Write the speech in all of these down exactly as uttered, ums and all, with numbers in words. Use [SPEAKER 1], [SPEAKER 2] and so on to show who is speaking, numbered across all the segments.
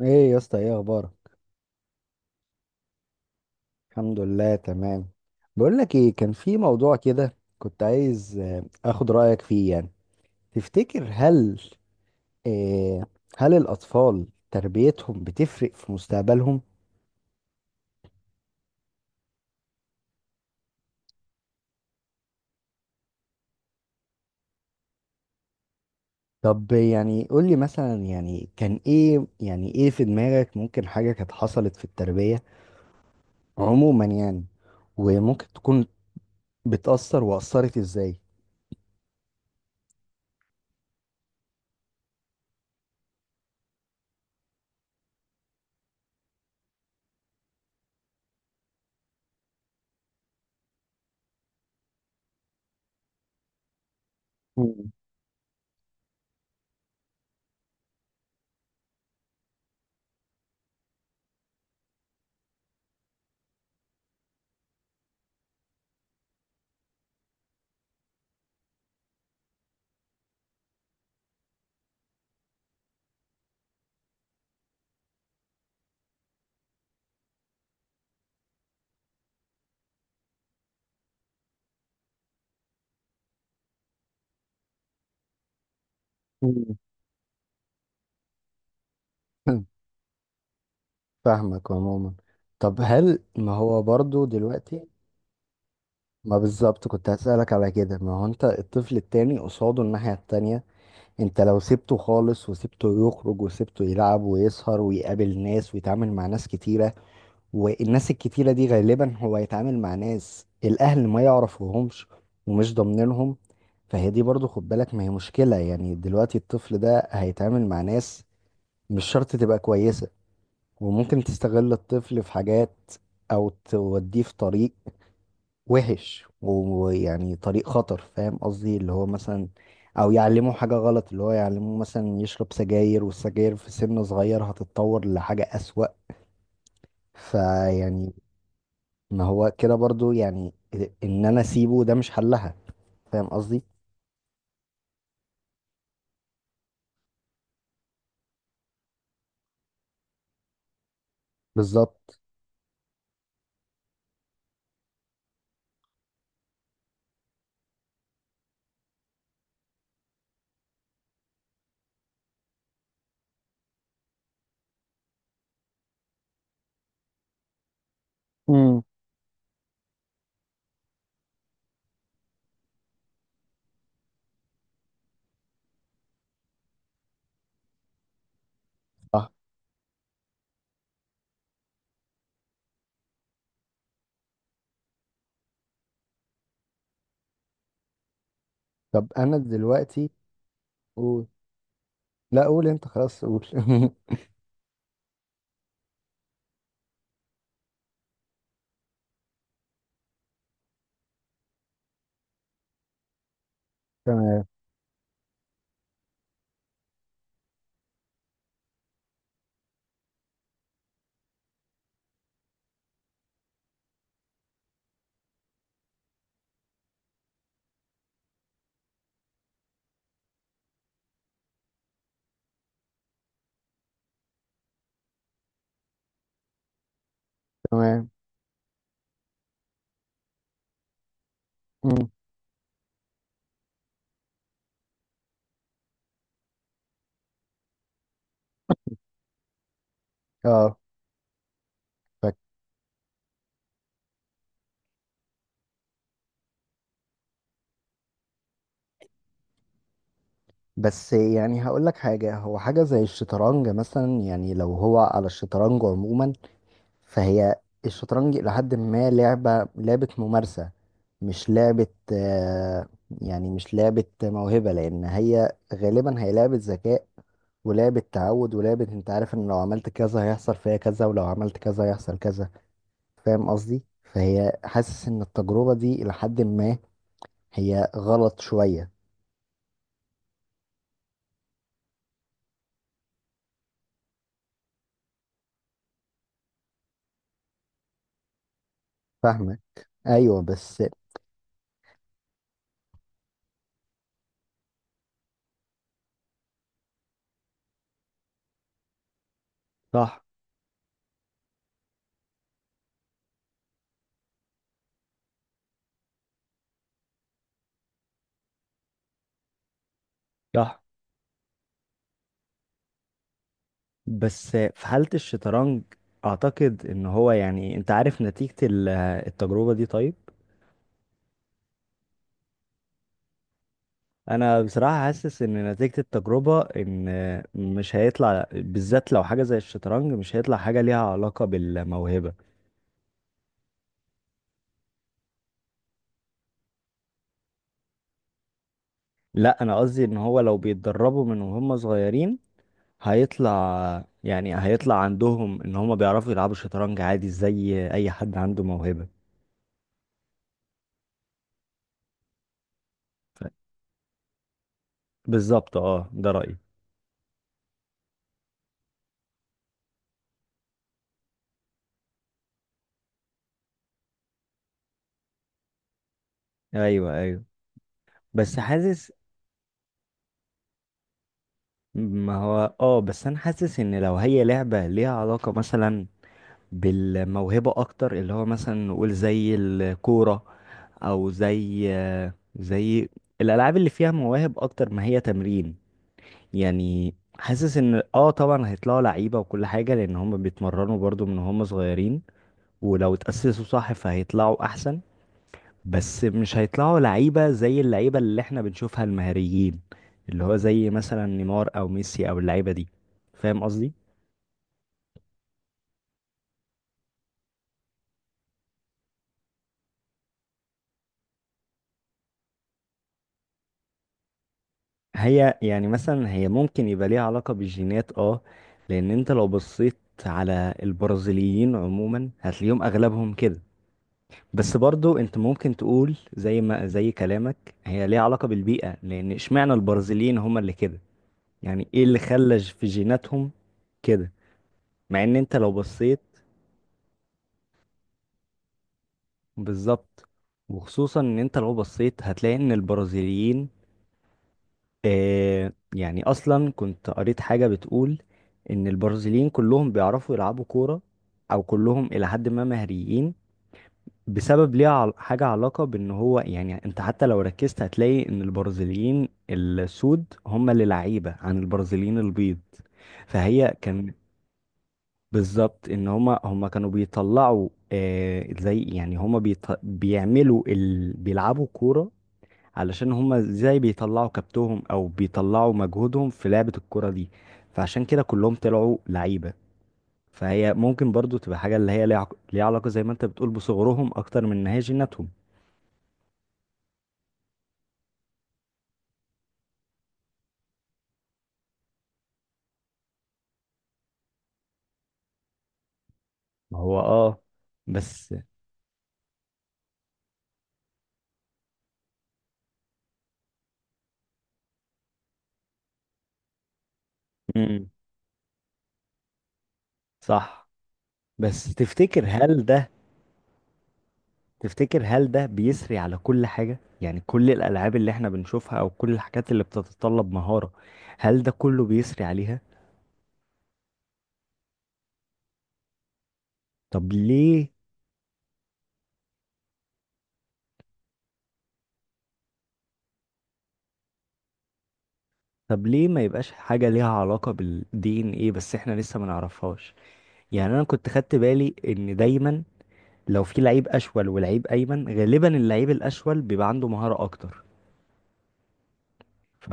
[SPEAKER 1] ايه يا اسطى، ايه اخبارك؟ الحمد لله، تمام. بقول لك ايه، كان في موضوع كده كنت عايز آه، اخد رايك فيه يعني. تفتكر هل... آه، هل الاطفال تربيتهم بتفرق في مستقبلهم؟ طب يعني قول لي مثلا، يعني كان ايه، يعني ايه في دماغك ممكن حاجه كانت حصلت في التربيه عموما يعني. وممكن تكون بتأثر وأثرت ازاي؟ مم. مم. فاهمك عموما. طب هل ما هو برضو دلوقتي... ما بالظبط كنت هسألك على كده، ما هو انت الطفل التاني قصاده الناحية التانية. انت لو سبته خالص وسبته يخرج وسبته يلعب ويسهر ويقابل ناس ويتعامل مع ناس كتيرة، والناس الكتيرة دي غالبا هو هيتعامل مع ناس الأهل ما يعرفوهمش ومش ضامنينهم. فهي دي برضو، خد بالك، ما هي مشكلة يعني دلوقتي الطفل ده هيتعامل مع ناس مش شرط تبقى كويسة، وممكن تستغل الطفل في حاجات أو توديه في طريق وحش، ويعني طريق خطر. فاهم قصدي؟ اللي هو مثلا او يعلمه حاجة غلط، اللي هو يعلمه مثلا يشرب سجاير، والسجاير في سن صغير هتتطور لحاجة أسوأ. فيعني ما هو كده برضو يعني، ان انا اسيبه ده مش حلها. فاهم قصدي؟ بالظبط. امم. صح. طب انا دلوقتي... قول. لا، قول انت، خلاص قول. تمام. تمام. امم. اه بس يعني هقول لك حاجة، هو حاجة زي الشطرنج مثلا، يعني لو هو على الشطرنج عموما، فهي الشطرنج إلى حد ما لعبة لعبة ممارسة، مش لعبة. آه، يعني مش لعبة موهبة، لأن هي غالبا هي لعبة ذكاء ولعبة تعود ولعبة، أنت عارف إن لو عملت كذا هيحصل فيها كذا، ولو عملت كذا هيحصل كذا. فاهم قصدي؟ فهي حاسس إن التجربة دي إلى حد ما هي غلط شوية. فاهمة؟ أيوه بس. صح. صح. بس في حالة الشطرنج، اعتقد ان هو، يعني انت عارف نتيجة ال- التجربة دي، طيب. انا بصراحة حاسس ان نتيجة التجربة ان مش هيطلع، بالذات لو حاجة زي الشطرنج، مش هيطلع حاجة ليها علاقة بالموهبة. لا، انا قصدي ان هو لو بيتدربوا من وهم صغيرين، هيطلع، يعني هيطلع عندهم ان هم بيعرفوا يلعبوا شطرنج عادي زي اي حد عنده موهبة. ف- بالظبط اه، ده رأيي. ايوه، ايوه. بس حاسس... ما هو اه بس انا حاسس ان لو هي لعبة ليها علاقة مثلا بالموهبة اكتر، اللي هو مثلا نقول زي الكورة او زي زي الالعاب اللي فيها مواهب اكتر ما هي تمرين. يعني حاسس ان اه طبعا هيطلعوا لعيبة وكل حاجة، لان هم بيتمرنوا برضو من هم صغيرين، ولو اتأسسوا صح فهيطلعوا احسن. بس مش هيطلعوا لعيبة زي اللعيبة اللي احنا بنشوفها المهاريين، اللي هو زي مثلا نيمار او ميسي او اللعيبة دي. فاهم قصدي؟ هي يعني مثلا هي ممكن يبقى ليها علاقة بالجينات اه لان انت لو بصيت على البرازيليين عموما هتلاقيهم اغلبهم كده. بس برضو انت ممكن تقول زي ما زي كلامك هي ليها علاقة بالبيئة، لان اشمعنى البرازيليين هما اللي كده؟ يعني ايه اللي خلى في جيناتهم كده؟ مع ان انت لو بصيت... بالظبط. وخصوصا ان انت لو بصيت هتلاقي ان البرازيليين، آه يعني اصلا كنت قريت حاجة بتقول ان البرازيليين كلهم بيعرفوا يلعبوا كورة، او كلهم الى حد ما مهريين بسبب، ليها عل- حاجة علاقة بان هو، يعني انت حتى لو ركزت هتلاقي ان البرازيليين السود هم اللي لعيبة عن البرازيليين البيض. فهي كان... بالظبط، ان هما هما كانوا بيطلعوا، آه زي يعني هما بيط... بيعملوا ال... بيلعبوا كورة، علشان هما ازاي بيطلعوا كبتهم او بيطلعوا مجهودهم في لعبة الكرة دي. فعشان كده كلهم طلعوا لعيبة. فهي ممكن برضو تبقى حاجة اللي هي ليها عق- ليها علاقة، زي ما انت بتقول، بصغرهم اكتر من ان هي جيناتهم. ما هو اه، بس... امم. صح، بس تفتكر هل ده... تفتكر هل ده بيسري على كل حاجة؟ يعني كل الالعاب اللي احنا بنشوفها او كل الحاجات اللي بتتطلب مهارة، هل ده كله بيسري عليها؟ طب ليه؟ طب ليه ما يبقاش حاجة ليها علاقة بالدي ان ايه، بس احنا لسه ما نعرفهاش؟ يعني انا كنت خدت بالي ان دايما لو في لعيب اشول ولعيب ايمن، غالبا اللعيب الاشول بيبقى عنده مهارة اكتر. ف...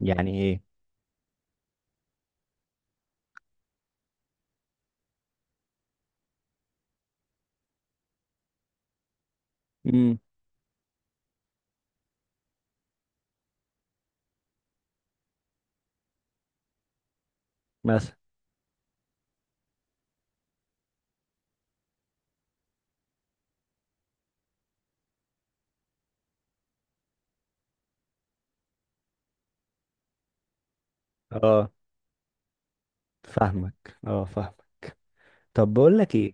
[SPEAKER 1] يعني ايه؟ امم. مثلا اه فاهمك، اه فاهمك. طب بقول لك ايه...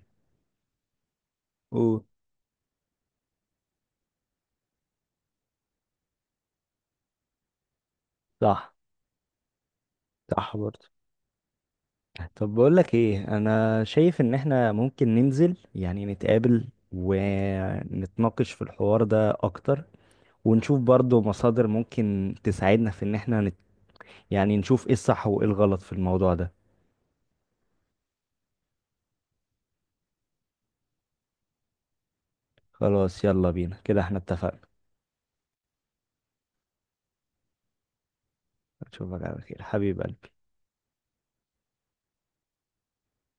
[SPEAKER 1] قول. صح، صح برضه. طب بقول لك ايه، انا شايف ان احنا ممكن ننزل، يعني نتقابل ونتناقش في الحوار ده اكتر، ونشوف برضو مصادر ممكن تساعدنا في ان احنا نت... يعني نشوف ايه الصح وايه الغلط في الموضوع ده. خلاص، يلا بينا كده، احنا اتفقنا. اشوفك على خير حبيبي.